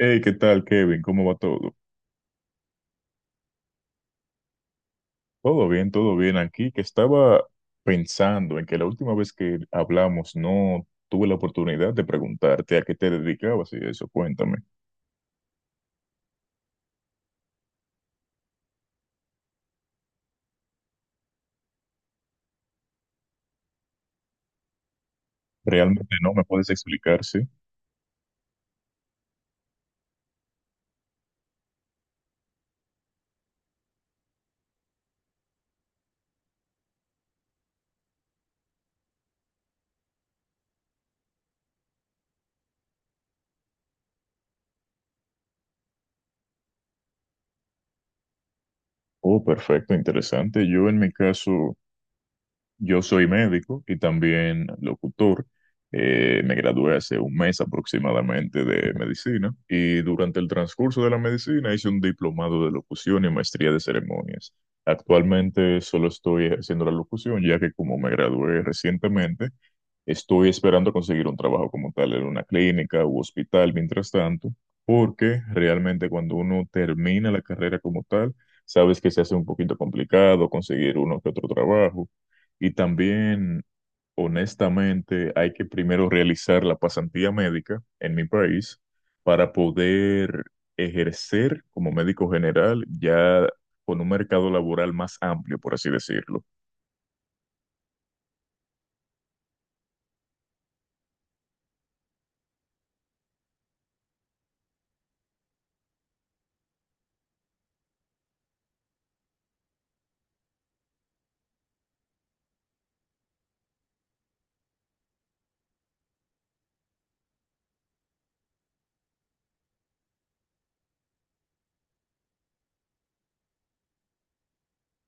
Hey, ¿qué tal, Kevin? ¿Cómo va todo? Todo bien, todo bien. Aquí que estaba pensando en que la última vez que hablamos no tuve la oportunidad de preguntarte a qué te dedicabas y eso. Cuéntame. ¿Realmente no me puedes explicar, sí? Oh, perfecto, interesante. Yo en mi caso Yo soy médico y también locutor. Me gradué hace un mes aproximadamente de medicina y durante el transcurso de la medicina hice un diplomado de locución y maestría de ceremonias. Actualmente solo estoy ejerciendo la locución, ya que como me gradué recientemente, estoy esperando conseguir un trabajo como tal en una clínica u hospital mientras tanto, porque realmente cuando uno termina la carrera como tal, sabes que se hace un poquito complicado conseguir uno que otro trabajo y también, honestamente, hay que primero realizar la pasantía médica en mi país para poder ejercer como médico general ya con un mercado laboral más amplio, por así decirlo.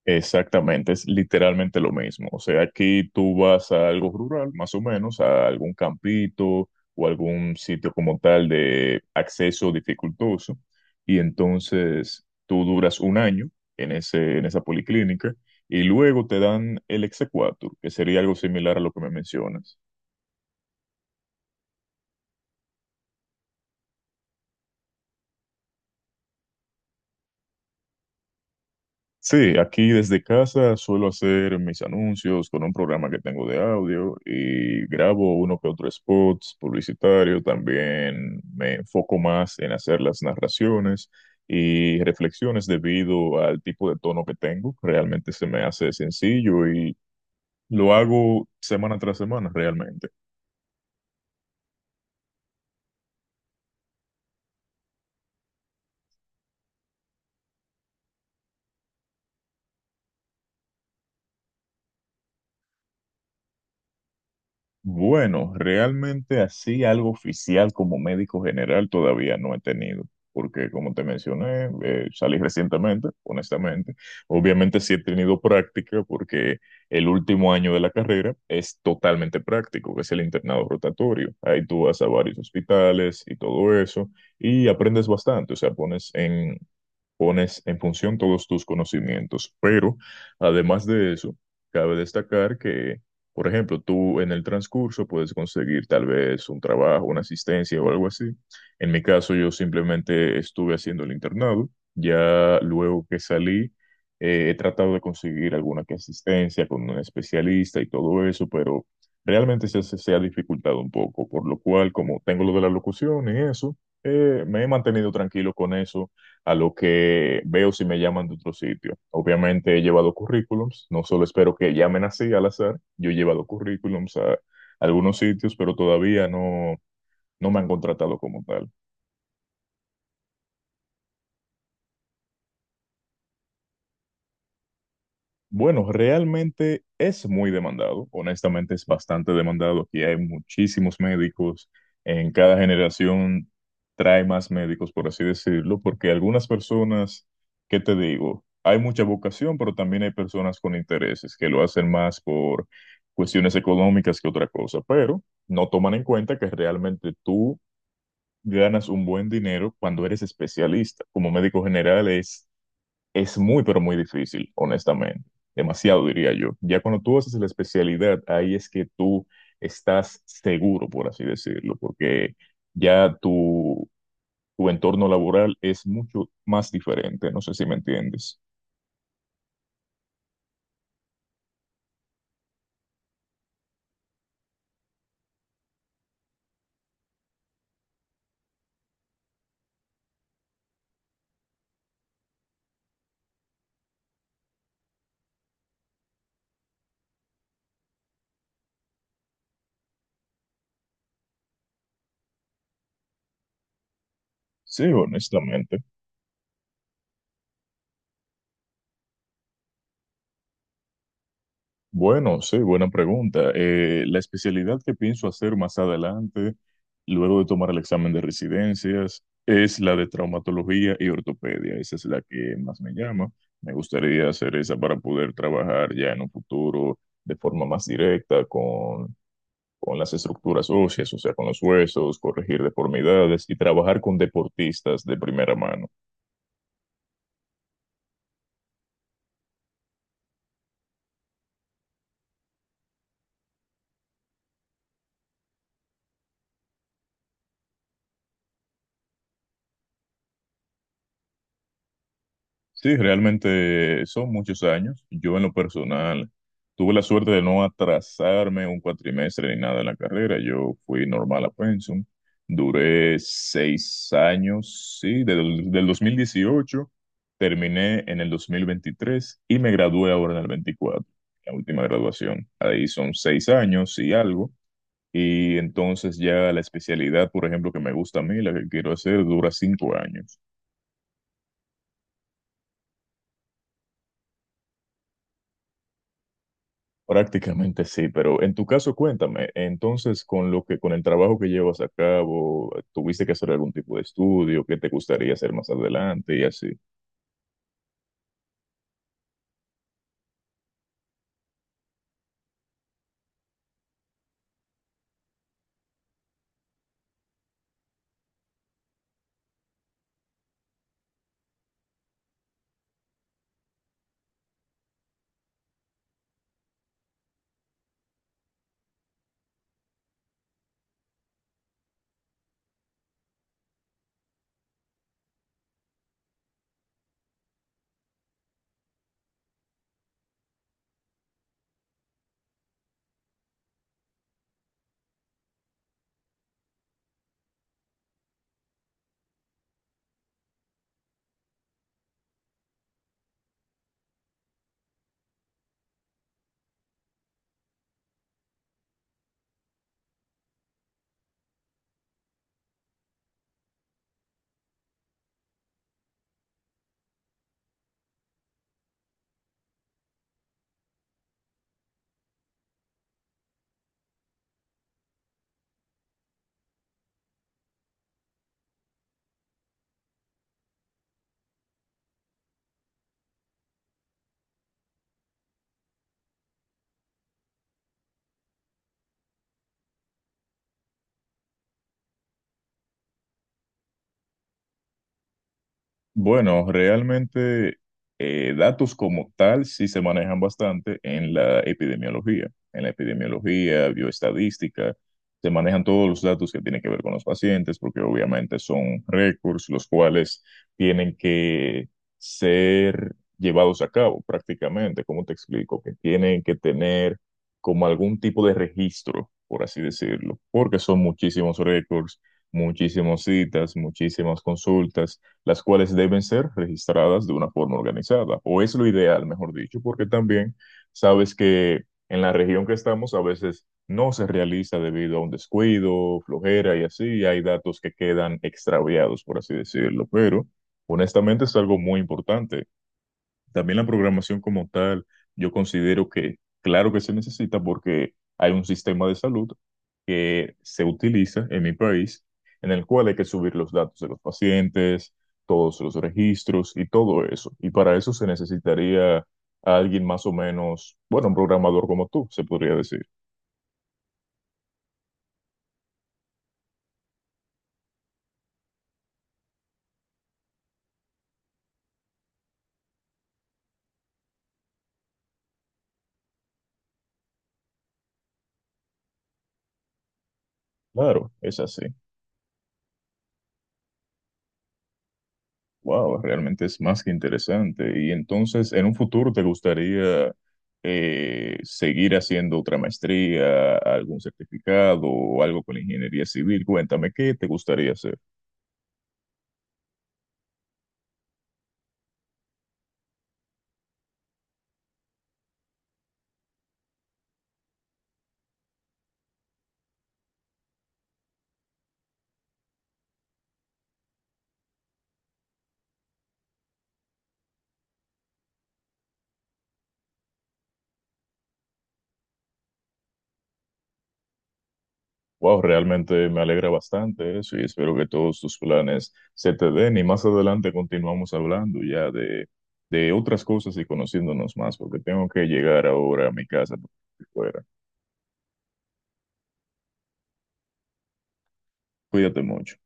Exactamente, es literalmente lo mismo. O sea, aquí tú vas a algo rural, más o menos, a algún campito o algún sitio como tal de acceso dificultoso, y entonces tú duras un año en ese, en esa policlínica y luego te dan el exequatur, que sería algo similar a lo que me mencionas. Sí, aquí desde casa suelo hacer mis anuncios con un programa que tengo de audio y grabo uno que otro spots publicitario. También me enfoco más en hacer las narraciones y reflexiones debido al tipo de tono que tengo. Realmente se me hace sencillo y lo hago semana tras semana realmente. Bueno, realmente así algo oficial como médico general todavía no he tenido, porque como te mencioné, salí recientemente, honestamente. Obviamente sí he tenido práctica porque el último año de la carrera es totalmente práctico, que es el internado rotatorio. Ahí tú vas a varios hospitales y todo eso y aprendes bastante. O sea, pones en función todos tus conocimientos. Pero además de eso, cabe destacar que, por ejemplo, tú en el transcurso puedes conseguir tal vez un trabajo, una asistencia o algo así. En mi caso, yo simplemente estuve haciendo el internado. Ya luego que salí, he tratado de conseguir alguna que asistencia con un especialista y todo eso, pero realmente se ha dificultado un poco, por lo cual, como tengo lo de la locución y eso, me he mantenido tranquilo con eso a lo que veo si me llaman de otro sitio. Obviamente he llevado currículums, no solo espero que llamen así al azar, yo he llevado currículums a algunos sitios, pero todavía no, no me han contratado como tal. Bueno, realmente es muy demandado, honestamente es bastante demandado. Aquí hay muchísimos médicos, en cada generación trae más médicos, por así decirlo, porque algunas personas, ¿qué te digo? Hay mucha vocación, pero también hay personas con intereses que lo hacen más por cuestiones económicas que otra cosa, pero no toman en cuenta que realmente tú ganas un buen dinero cuando eres especialista. Como médico general es muy, pero muy difícil, honestamente. Demasiado, diría yo. Ya cuando tú haces la especialidad, ahí es que tú estás seguro, por así decirlo, porque ya tu entorno laboral es mucho más diferente. ¿No sé si me entiendes? Sí, honestamente. Bueno, sí, buena pregunta. La especialidad que pienso hacer más adelante, luego de tomar el examen de residencias, es la de traumatología y ortopedia. Esa es la que más me llama. Me gustaría hacer esa para poder trabajar ya en un futuro de forma más directa con, las estructuras óseas, o sea, con los huesos, corregir deformidades y trabajar con deportistas de primera mano. Sí, realmente son muchos años. Yo en lo personal tuve la suerte de no atrasarme un cuatrimestre ni nada en la carrera. Yo fui normal a Pensum. Duré 6 años, sí, del 2018. Terminé en el 2023 y me gradué ahora en el 24, la última graduación. Ahí son 6 años y algo. Y entonces ya la especialidad, por ejemplo, que me gusta a mí, la que quiero hacer, dura 5 años. Prácticamente sí, pero en tu caso cuéntame, entonces con lo que con el trabajo que llevas a cabo, ¿tuviste que hacer algún tipo de estudio? ¿Qué te gustaría hacer más adelante y así? Bueno, realmente datos como tal sí se manejan bastante en la epidemiología. En la epidemiología, bioestadística, se manejan todos los datos que tienen que ver con los pacientes, porque obviamente son récords los cuales tienen que ser llevados a cabo prácticamente. ¿Cómo te explico? Que tienen que tener como algún tipo de registro, por así decirlo, porque son muchísimos récords, muchísimas citas, muchísimas consultas las cuales deben ser registradas de una forma organizada, o es lo ideal, mejor dicho, porque también sabes que en la región que estamos a veces no se realiza debido a un descuido, flojera y así, y hay datos que quedan extraviados, por así decirlo, pero honestamente es algo muy importante. También la programación como tal, yo considero que claro que se necesita porque hay un sistema de salud que se utiliza en mi país en el cual hay que subir los datos de los pacientes, todos los registros y todo eso. Y para eso se necesitaría a alguien más o menos, bueno, un programador como tú, se podría decir. Claro, es así. Wow, realmente es más que interesante. Y entonces, en un futuro, ¿te gustaría seguir haciendo otra maestría, algún certificado o algo con ingeniería civil? Cuéntame, ¿qué te gustaría hacer? Wow, realmente me alegra bastante eso y espero que todos tus planes se te den. Y más adelante continuamos hablando ya de, otras cosas y conociéndonos más, porque tengo que llegar ahora a mi casa. Porque fuera. Cuídate mucho.